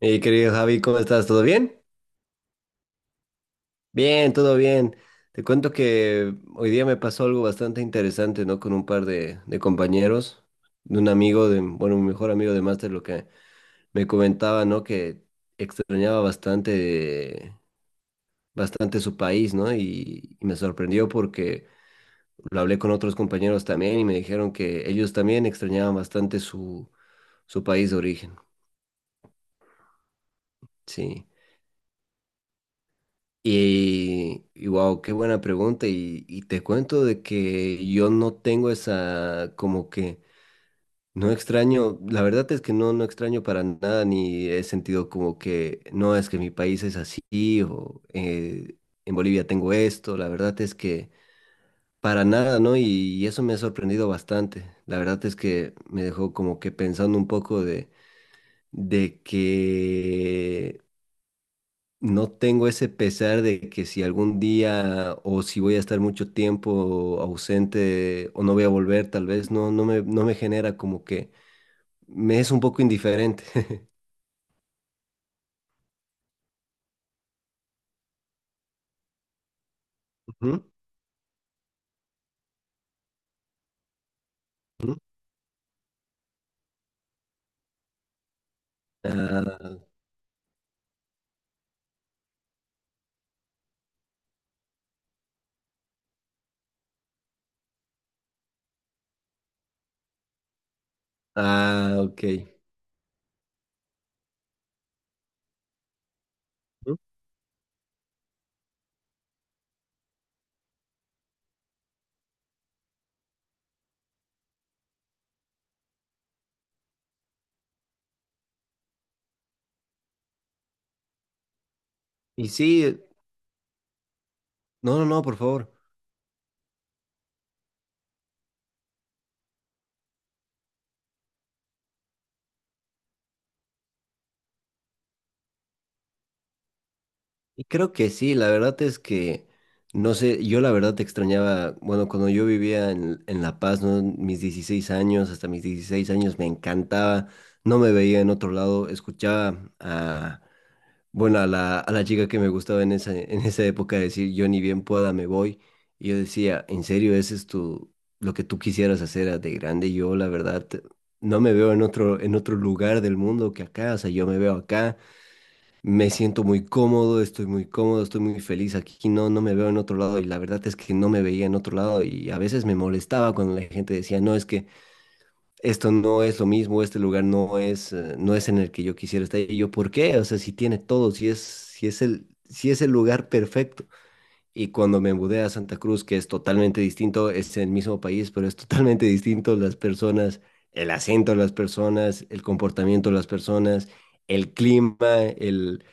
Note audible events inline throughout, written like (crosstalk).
Mi querido Javi, ¿cómo estás? ¿Todo bien? Bien, todo bien. Te cuento que hoy día me pasó algo bastante interesante, ¿no? Con un par de compañeros, de un amigo, de, bueno, mi mejor amigo de máster, lo que me comentaba, ¿no? Que extrañaba bastante, bastante su país, ¿no? Y me sorprendió porque lo hablé con otros compañeros también y me dijeron que ellos también extrañaban bastante su, su país de origen. Sí. Y wow, qué buena pregunta. Y te cuento de que yo no tengo esa, como que no extraño, la verdad es que no, no extraño para nada, ni he sentido como que no es que mi país es así, o en Bolivia tengo esto, la verdad es que para nada, ¿no? Y eso me ha sorprendido bastante. La verdad es que me dejó como que pensando un poco de que no tengo ese pesar de que si algún día o si voy a estar mucho tiempo ausente o no voy a volver, tal vez no, no me, no me genera como que me es un poco indiferente. (laughs) Ujú, ujú. Ah, ah, ok. Ujú. Y sí, no, no, no, por favor. Y creo que sí, la verdad es que, no sé, yo la verdad te extrañaba, bueno, cuando yo vivía en La Paz, ¿no? Mis 16 años, hasta mis 16 años me encantaba, no me veía en otro lado, escuchaba a, bueno, a la chica que me gustaba en esa época decir, yo ni bien pueda me voy, y yo decía, ¿en serio ese es tu, lo que tú quisieras hacer de grande? Yo la verdad no me veo en otro lugar del mundo que acá, o sea, yo me veo acá, me siento muy cómodo, estoy muy cómodo, estoy muy feliz aquí, no, no me veo en otro lado y la verdad es que no me veía en otro lado y a veces me molestaba cuando la gente decía, no, es que esto no es lo mismo, este lugar no es, no es en el que yo quisiera estar. Y yo, ¿por qué? O sea, si tiene todo, si es, si es el, si es el lugar perfecto. Y cuando me mudé a Santa Cruz, que es totalmente distinto, es el mismo país, pero es totalmente distinto las personas, el acento de las personas, el comportamiento de las personas, el clima, el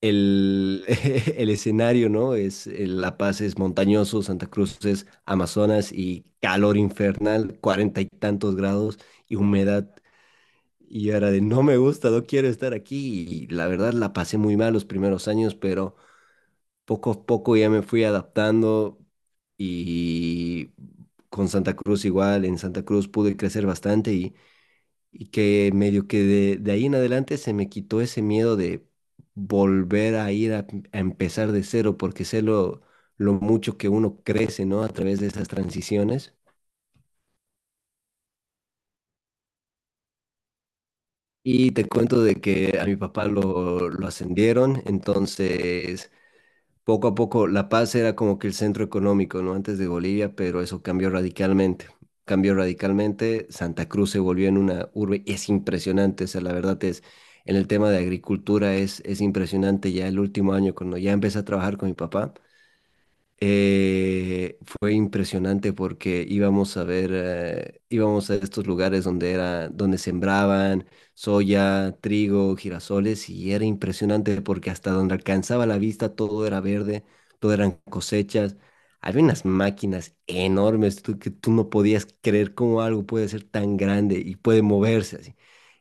el, (laughs) el escenario, ¿no? Es, La Paz es montañoso, Santa Cruz es Amazonas y calor infernal, 40 y tantos grados y humedad. Y era de, no me gusta, no quiero estar aquí. Y la verdad la pasé muy mal los primeros años, pero poco a poco ya me fui adaptando y con Santa Cruz igual, en Santa Cruz pude crecer bastante y que medio que de ahí en adelante se me quitó ese miedo de volver a ir a empezar de cero, porque sé lo mucho que uno crece, ¿no? A través de esas transiciones. Y te cuento de que a mi papá lo ascendieron, entonces poco a poco La Paz era como que el centro económico, ¿no? Antes de Bolivia, pero eso cambió radicalmente. Cambió radicalmente, Santa Cruz se volvió en una urbe, y es impresionante, o sea, la verdad es, en el tema de agricultura es impresionante, ya el último año cuando ya empecé a trabajar con mi papá. Fue impresionante porque íbamos a ver, íbamos a estos lugares donde era, donde sembraban soya, trigo, girasoles y era impresionante porque hasta donde alcanzaba la vista todo era verde, todo eran cosechas. Había unas máquinas enormes que tú no podías creer cómo algo puede ser tan grande y puede moverse así.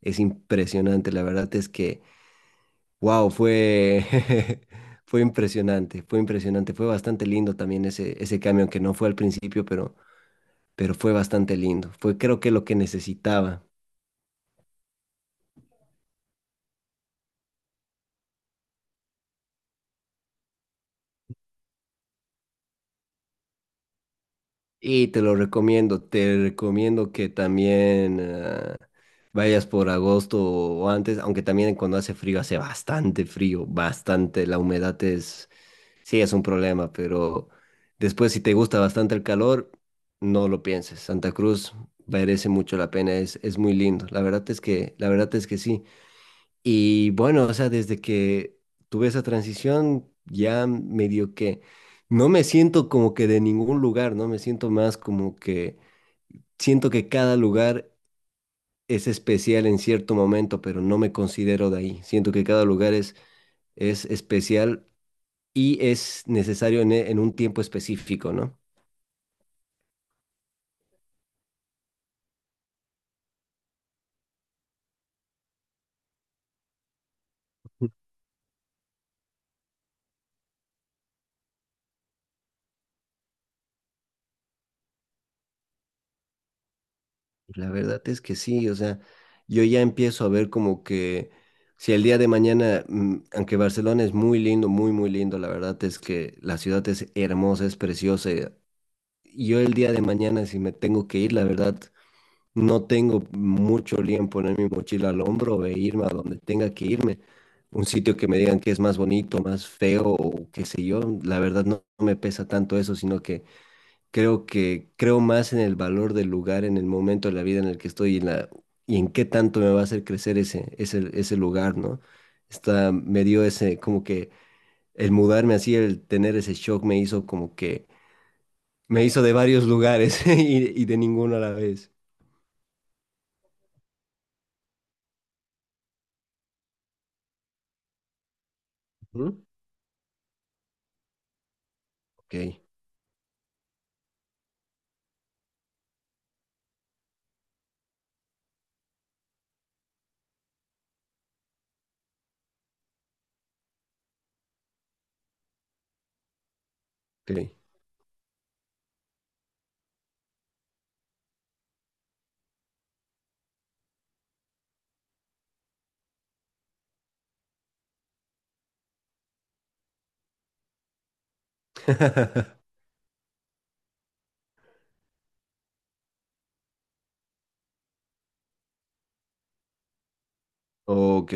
Es impresionante, la verdad es que wow, fue, (laughs) fue impresionante, fue impresionante, fue bastante lindo también ese cambio, aunque no fue al principio, pero fue bastante lindo. Fue creo que lo que necesitaba. Y te lo recomiendo, te recomiendo que también vayas por agosto o antes, aunque también cuando hace frío hace bastante frío, bastante, la humedad. Sí, es un problema, pero después si te gusta bastante el calor, no lo pienses. Santa Cruz merece mucho la pena, es muy lindo. La verdad es que, la verdad es que sí. Y bueno, o sea, desde que tuve esa transición, ya medio que no me siento como que de ningún lugar, ¿no? Me siento más como que siento que cada lugar es especial en cierto momento, pero no me considero de ahí. Siento que cada lugar es especial y es necesario en, en un tiempo específico, ¿no? La verdad es que sí, o sea, yo ya empiezo a ver como que si el día de mañana, aunque Barcelona es muy lindo, muy, muy lindo, la verdad es que la ciudad es hermosa, es preciosa. Y yo el día de mañana, si me tengo que ir, la verdad, no tengo mucho lío en poner mi mochila al hombro e irme a donde tenga que irme. Un sitio que me digan que es más bonito, más feo o qué sé yo, la verdad no, no me pesa tanto eso, sino que creo que creo más en el valor del lugar, en el momento de la vida en el que estoy y en, la, y en qué tanto me va a hacer crecer ese, ese, ese lugar, ¿no? Está, me dio ese, como que el mudarme así, el tener ese shock me hizo como que, me hizo de varios lugares (laughs) y de ninguno a la vez. Ujú. Ok, ok. (laughs) Ok,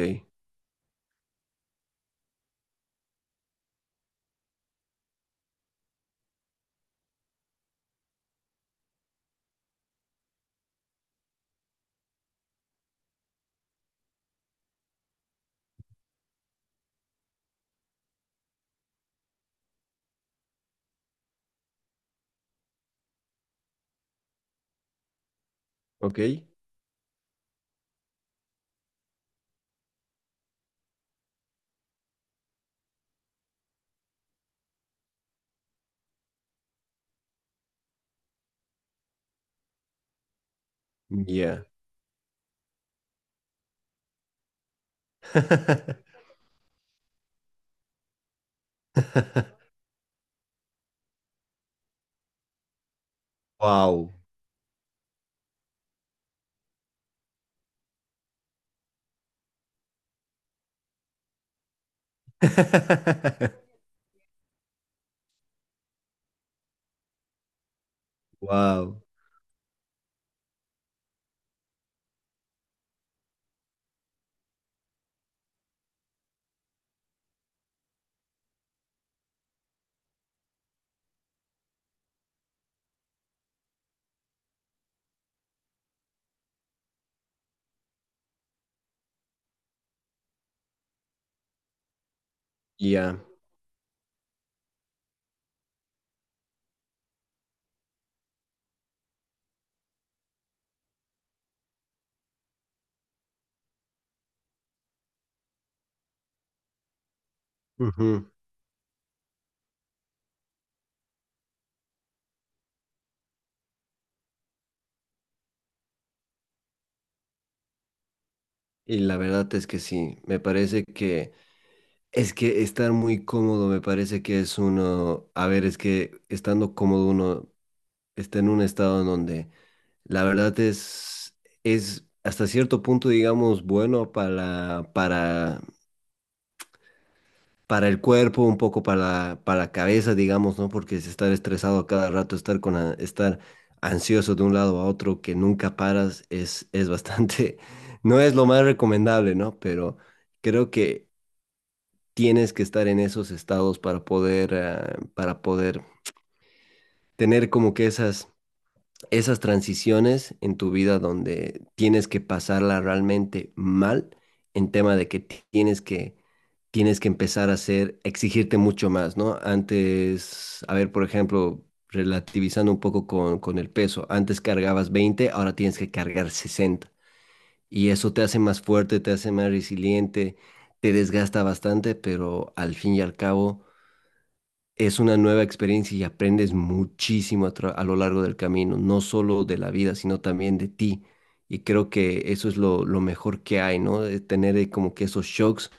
ok. Ya. (laughs) Wow. (laughs) Wow. Ya. Ujú. Y la verdad es que sí, me parece que es que estar muy cómodo me parece que es uno, a ver, es que estando cómodo uno está en un estado en donde la verdad es hasta cierto punto digamos bueno para para el cuerpo, un poco para la cabeza, digamos, ¿no? Porque es estar estresado a cada rato, estar con estar ansioso de un lado a otro que nunca paras es bastante (laughs) no es lo más recomendable, ¿no? Pero creo que tienes que estar en esos estados para poder, para poder tener como que esas, esas transiciones en tu vida donde tienes que pasarla realmente mal en tema de que tienes que, tienes que empezar a hacer, exigirte mucho más, ¿no? Antes, a ver, por ejemplo, relativizando un poco con el peso, antes cargabas 20 ahora tienes que cargar 60. Y eso te hace más fuerte, te hace más resiliente, te desgasta bastante, pero al fin y al cabo es una nueva experiencia y aprendes muchísimo a, a lo largo del camino, no solo de la vida, sino también de ti. Y creo que eso es lo mejor que hay, ¿no? De tener como que esos shocks,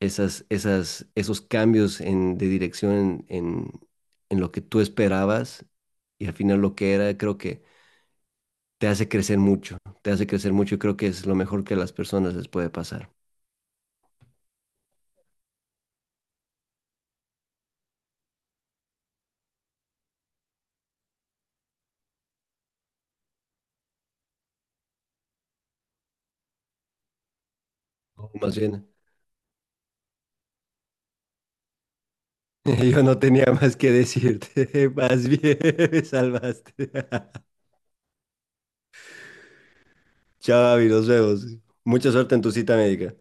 esas, esas, esos cambios en, de dirección en lo que tú esperabas y al final lo que era, creo que te hace crecer mucho, te hace crecer mucho y creo que es lo mejor que a las personas les puede pasar. ¿No? Más bien, (laughs) yo no tenía más que decirte, (laughs) más bien (laughs) me salvaste. (laughs) Chao, Javi, nos vemos. Mucha suerte en tu cita médica.